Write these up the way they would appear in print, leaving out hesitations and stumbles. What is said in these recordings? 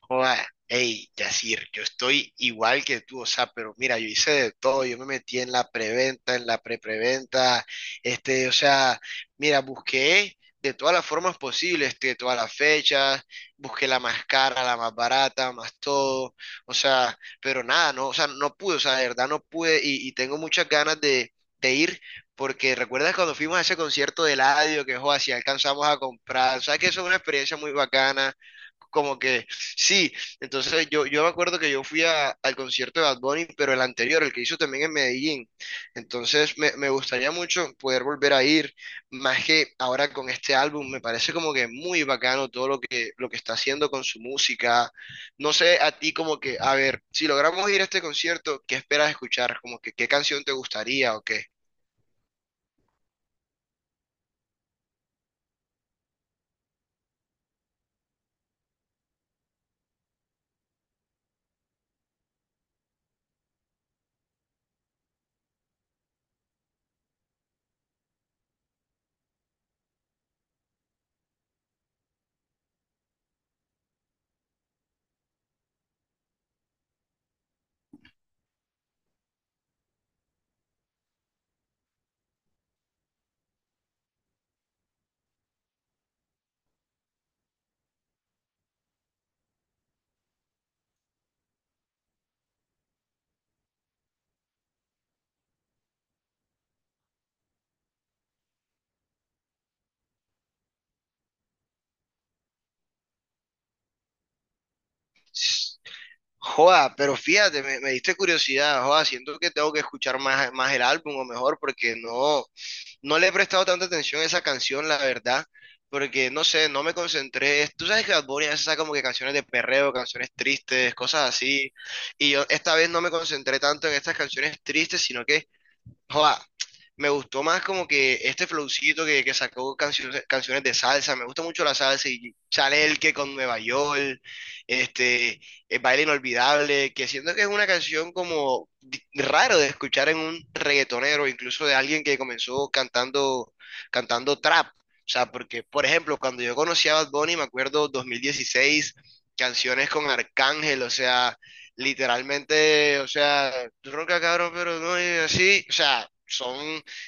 Joda, hey, Yacir, yo estoy igual que tú, o sea, pero mira, yo hice de todo, yo me metí en la preventa, en la prepreventa, o sea, mira, busqué de todas las formas posibles, de todas las fechas, busqué la más cara, la más barata, más todo, o sea, pero nada, no, o sea, no pude, o sea, de verdad no pude y tengo muchas ganas de ir. Porque recuerdas cuando fuimos a ese concierto de Eladio, que joda, si alcanzamos a comprar, o sea que eso es una experiencia muy bacana, como que sí, entonces yo me acuerdo que yo al concierto de Bad Bunny, pero el anterior, el que hizo también en Medellín. Entonces me gustaría mucho poder volver a ir, más que ahora con este álbum, me parece como que muy bacano todo lo lo que está haciendo con su música. No sé, a ti como que, a ver, si logramos ir a este concierto, ¿qué esperas escuchar? Como que, ¿qué canción te gustaría o qué? Joda, pero fíjate, me diste curiosidad, joda, siento que tengo que escuchar más el álbum o mejor porque no. No le he prestado tanta atención a esa canción, la verdad, porque no sé, no me concentré. Tú sabes que Bad Bunny a veces saca como que canciones de perreo, canciones tristes, cosas así. Y yo esta vez no me concentré tanto en estas canciones tristes, sino que joda, me gustó más como que este flowcito que sacó canciones, canciones de salsa, me gusta mucho la salsa y Chanel que con Nueva York, este, el baile inolvidable, que siento que es una canción como raro de escuchar en un reggaetonero, incluso de alguien que comenzó cantando trap. O sea, porque, por ejemplo, cuando yo conocí a Bad Bunny, me acuerdo 2016, canciones con Arcángel, o sea, literalmente, o sea, ronca cabrón, pero no es así, o sea, son,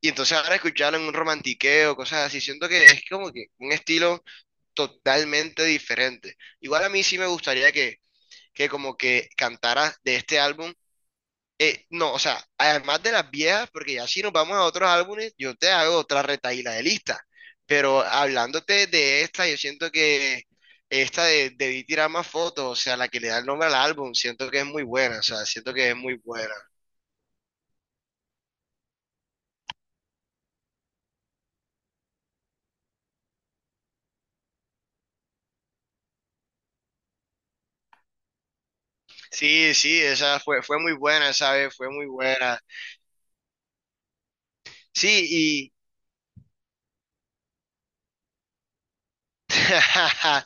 y entonces ahora escucharlo en un romantiqueo, cosas así, siento que es como que un estilo totalmente diferente. Igual a mí sí me gustaría que como que cantara de este álbum no, o sea, además de las viejas, porque ya si nos vamos a otros álbumes, yo te hago otra retaíla de lista. Pero hablándote de esta, yo siento que esta de Debí tirar más fotos, o sea, la que le da el nombre al álbum, siento que es muy buena, o sea, siento que es muy buena. Sí, sí, esa fue, fue muy buena, esa vez fue muy buena. Sí,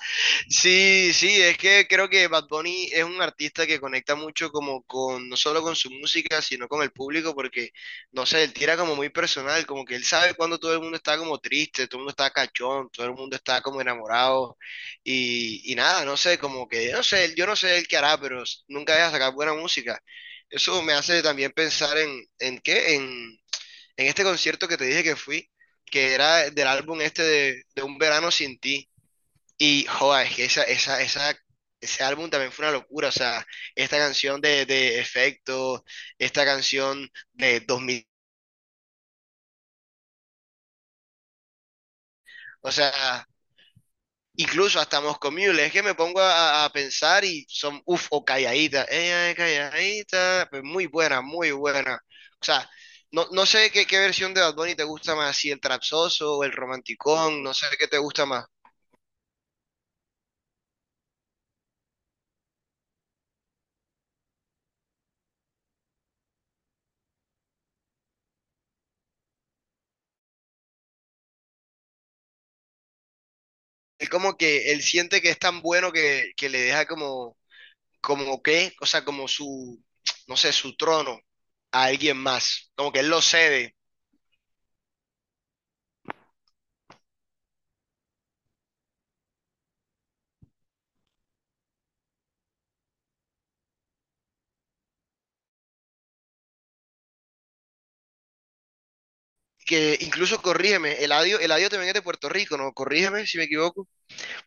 sí, sí, es que creo que Bad Bunny es un artista que conecta mucho como con, no solo con su música, sino con el público, porque, no sé, él tira como muy personal, como que él sabe cuando todo el mundo está como triste, todo el mundo está cachón, todo el mundo está como enamorado, y nada, no sé, como que, no sé, yo no sé él qué hará, pero nunca deja sacar buena música. Eso me hace también pensar ¿en qué? En este concierto que te dije que fui, que era del álbum este de Un Verano Sin Ti. Y joda, es que esa, ese álbum también fue una locura. O sea, esta canción de Efecto, esta canción de 2000, o sea, incluso hasta Moscow Mule. Es que me pongo a pensar y son, uff, o Calladita, ella es Calladita, pues muy buena, muy buena. O sea, no, no sé qué versión de Bad Bunny te gusta más, si el trapsoso o el romanticón, no sé qué te gusta más. Es como que él siente que es tan bueno que le deja como como que, o sea, como su, no sé, su trono a alguien más, como que él lo cede, que incluso corrígeme, Eladio también es de Puerto Rico, ¿no? Corrígeme si me equivoco.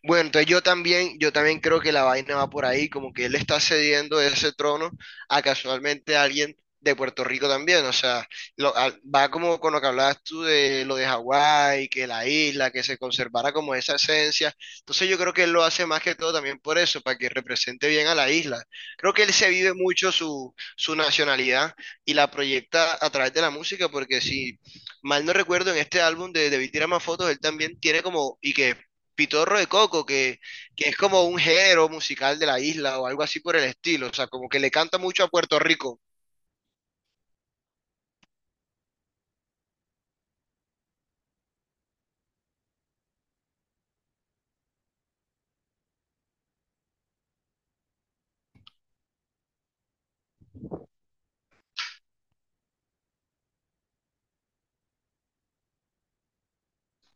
Bueno, entonces yo también creo que la vaina va por ahí, como que él está cediendo ese trono a casualmente alguien de Puerto Rico también, o sea, va como con lo que hablabas tú de lo de Hawái, que la isla, que se conservara como esa esencia, entonces yo creo que él lo hace más que todo también por eso, para que represente bien a la isla. Creo que él se vive mucho su nacionalidad y la proyecta a través de la música, porque si mal no recuerdo, en este álbum de Debí tirar más fotos, él también tiene como, y que Pitorro de Coco, que es como un género musical de la isla o algo así por el estilo, o sea, como que le canta mucho a Puerto Rico.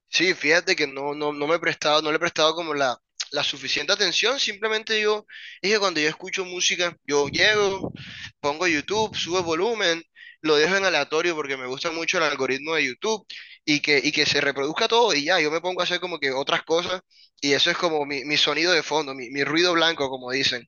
Sí, fíjate que no, no, no me he prestado, no le he prestado como la suficiente atención, simplemente yo, es que cuando yo escucho música, yo llego, pongo YouTube, subo el volumen, lo dejo en aleatorio porque me gusta mucho el algoritmo de YouTube y que se reproduzca todo y ya, yo me pongo a hacer como que otras cosas y eso es como mi sonido de fondo, mi ruido blanco, como dicen.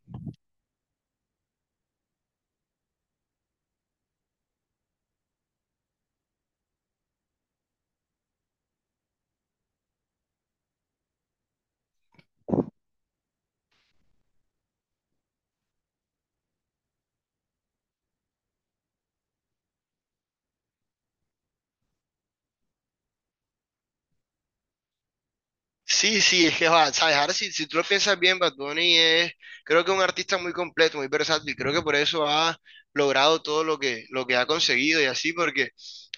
Sí, sí, es que, va, sabes, ahora si tú lo piensas bien, Bad Bunny es, creo que un artista muy completo, muy versátil, creo que por eso ha logrado todo lo lo que ha conseguido y así, porque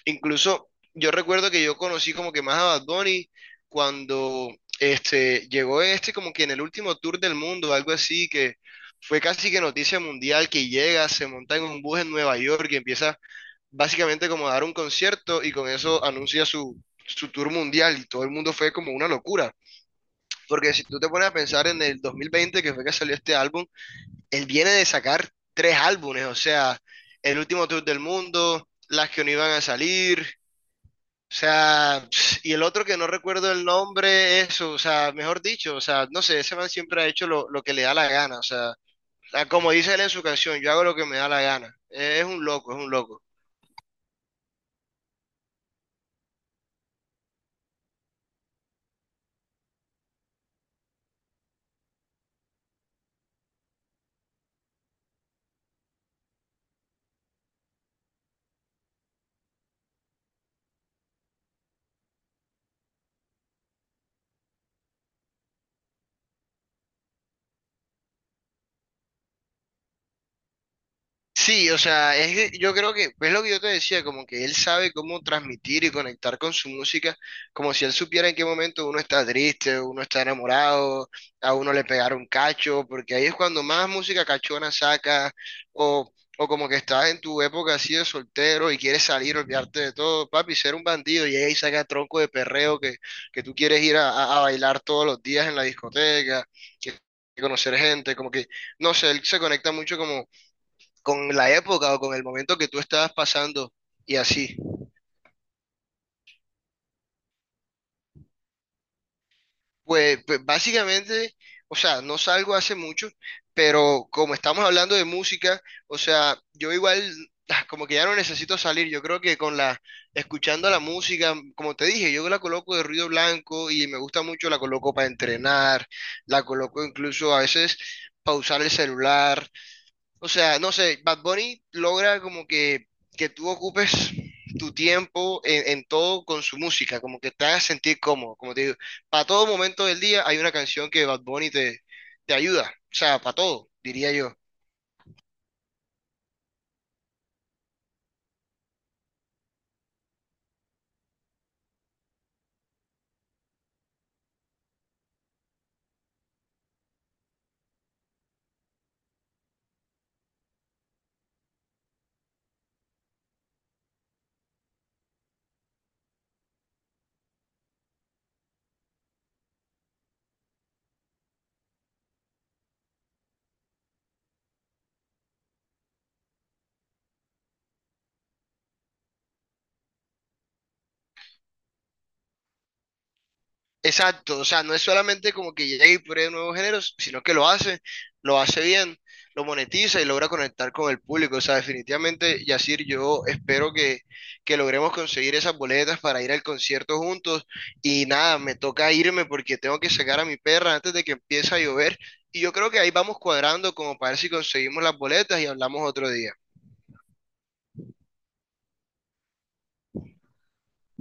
incluso yo recuerdo que yo conocí como que más a Bad Bunny cuando llegó este como que en el último tour del mundo, algo así, que fue casi que noticia mundial, que llega, se monta en un bus en Nueva York y empieza básicamente como a dar un concierto y con eso anuncia su tour mundial y todo el mundo fue como una locura. Porque si tú te pones a pensar en el 2020, que fue que salió este álbum, él viene de sacar tres álbumes, o sea, el último tour del mundo, las que no iban a salir, o sea, y el otro que no recuerdo el nombre, eso, o sea, mejor dicho, o sea, no sé, ese man siempre ha hecho lo que le da la gana, o sea, como dice él en su canción, yo hago lo que me da la gana, es un loco, es un loco. Sí, o sea, es que yo creo que, es lo que yo te decía, como que él sabe cómo transmitir y conectar con su música, como si él supiera en qué momento uno está triste, uno está enamorado, a uno le pegaron cacho, porque ahí es cuando más música cachona saca, o, o como que estás en tu época así de soltero y quieres salir, olvidarte de todo, papi, ser un bandido, y ahí saca tronco de perreo que tú quieres ir a, a bailar todos los días en la discoteca, que conocer gente, como que, no sé, él se conecta mucho como con la época o con el momento que tú estabas pasando y así. Pues, pues básicamente, o sea, no salgo hace mucho, pero como estamos hablando de música, o sea, yo igual ah, como que ya no necesito salir, yo creo que con la, escuchando la música, como te dije, yo la coloco de ruido blanco y me gusta mucho, la coloco para entrenar, la coloco incluso a veces pausar el celular. O sea, no sé, Bad Bunny logra como que tú ocupes tu tiempo en todo con su música, como que te hagas sentir cómodo. Como te digo, para todo momento del día hay una canción que Bad Bunny te ayuda. O sea, para todo, diría yo. Exacto, o sea, no es solamente como que llega y pruebe nuevos géneros, sino que lo hace bien, lo monetiza y logra conectar con el público. O sea, definitivamente, Yacir, yo espero que logremos conseguir esas boletas para ir al concierto juntos. Y nada, me toca irme porque tengo que sacar a mi perra antes de que empiece a llover. Y yo creo que ahí vamos cuadrando como para ver si conseguimos las boletas y hablamos otro día.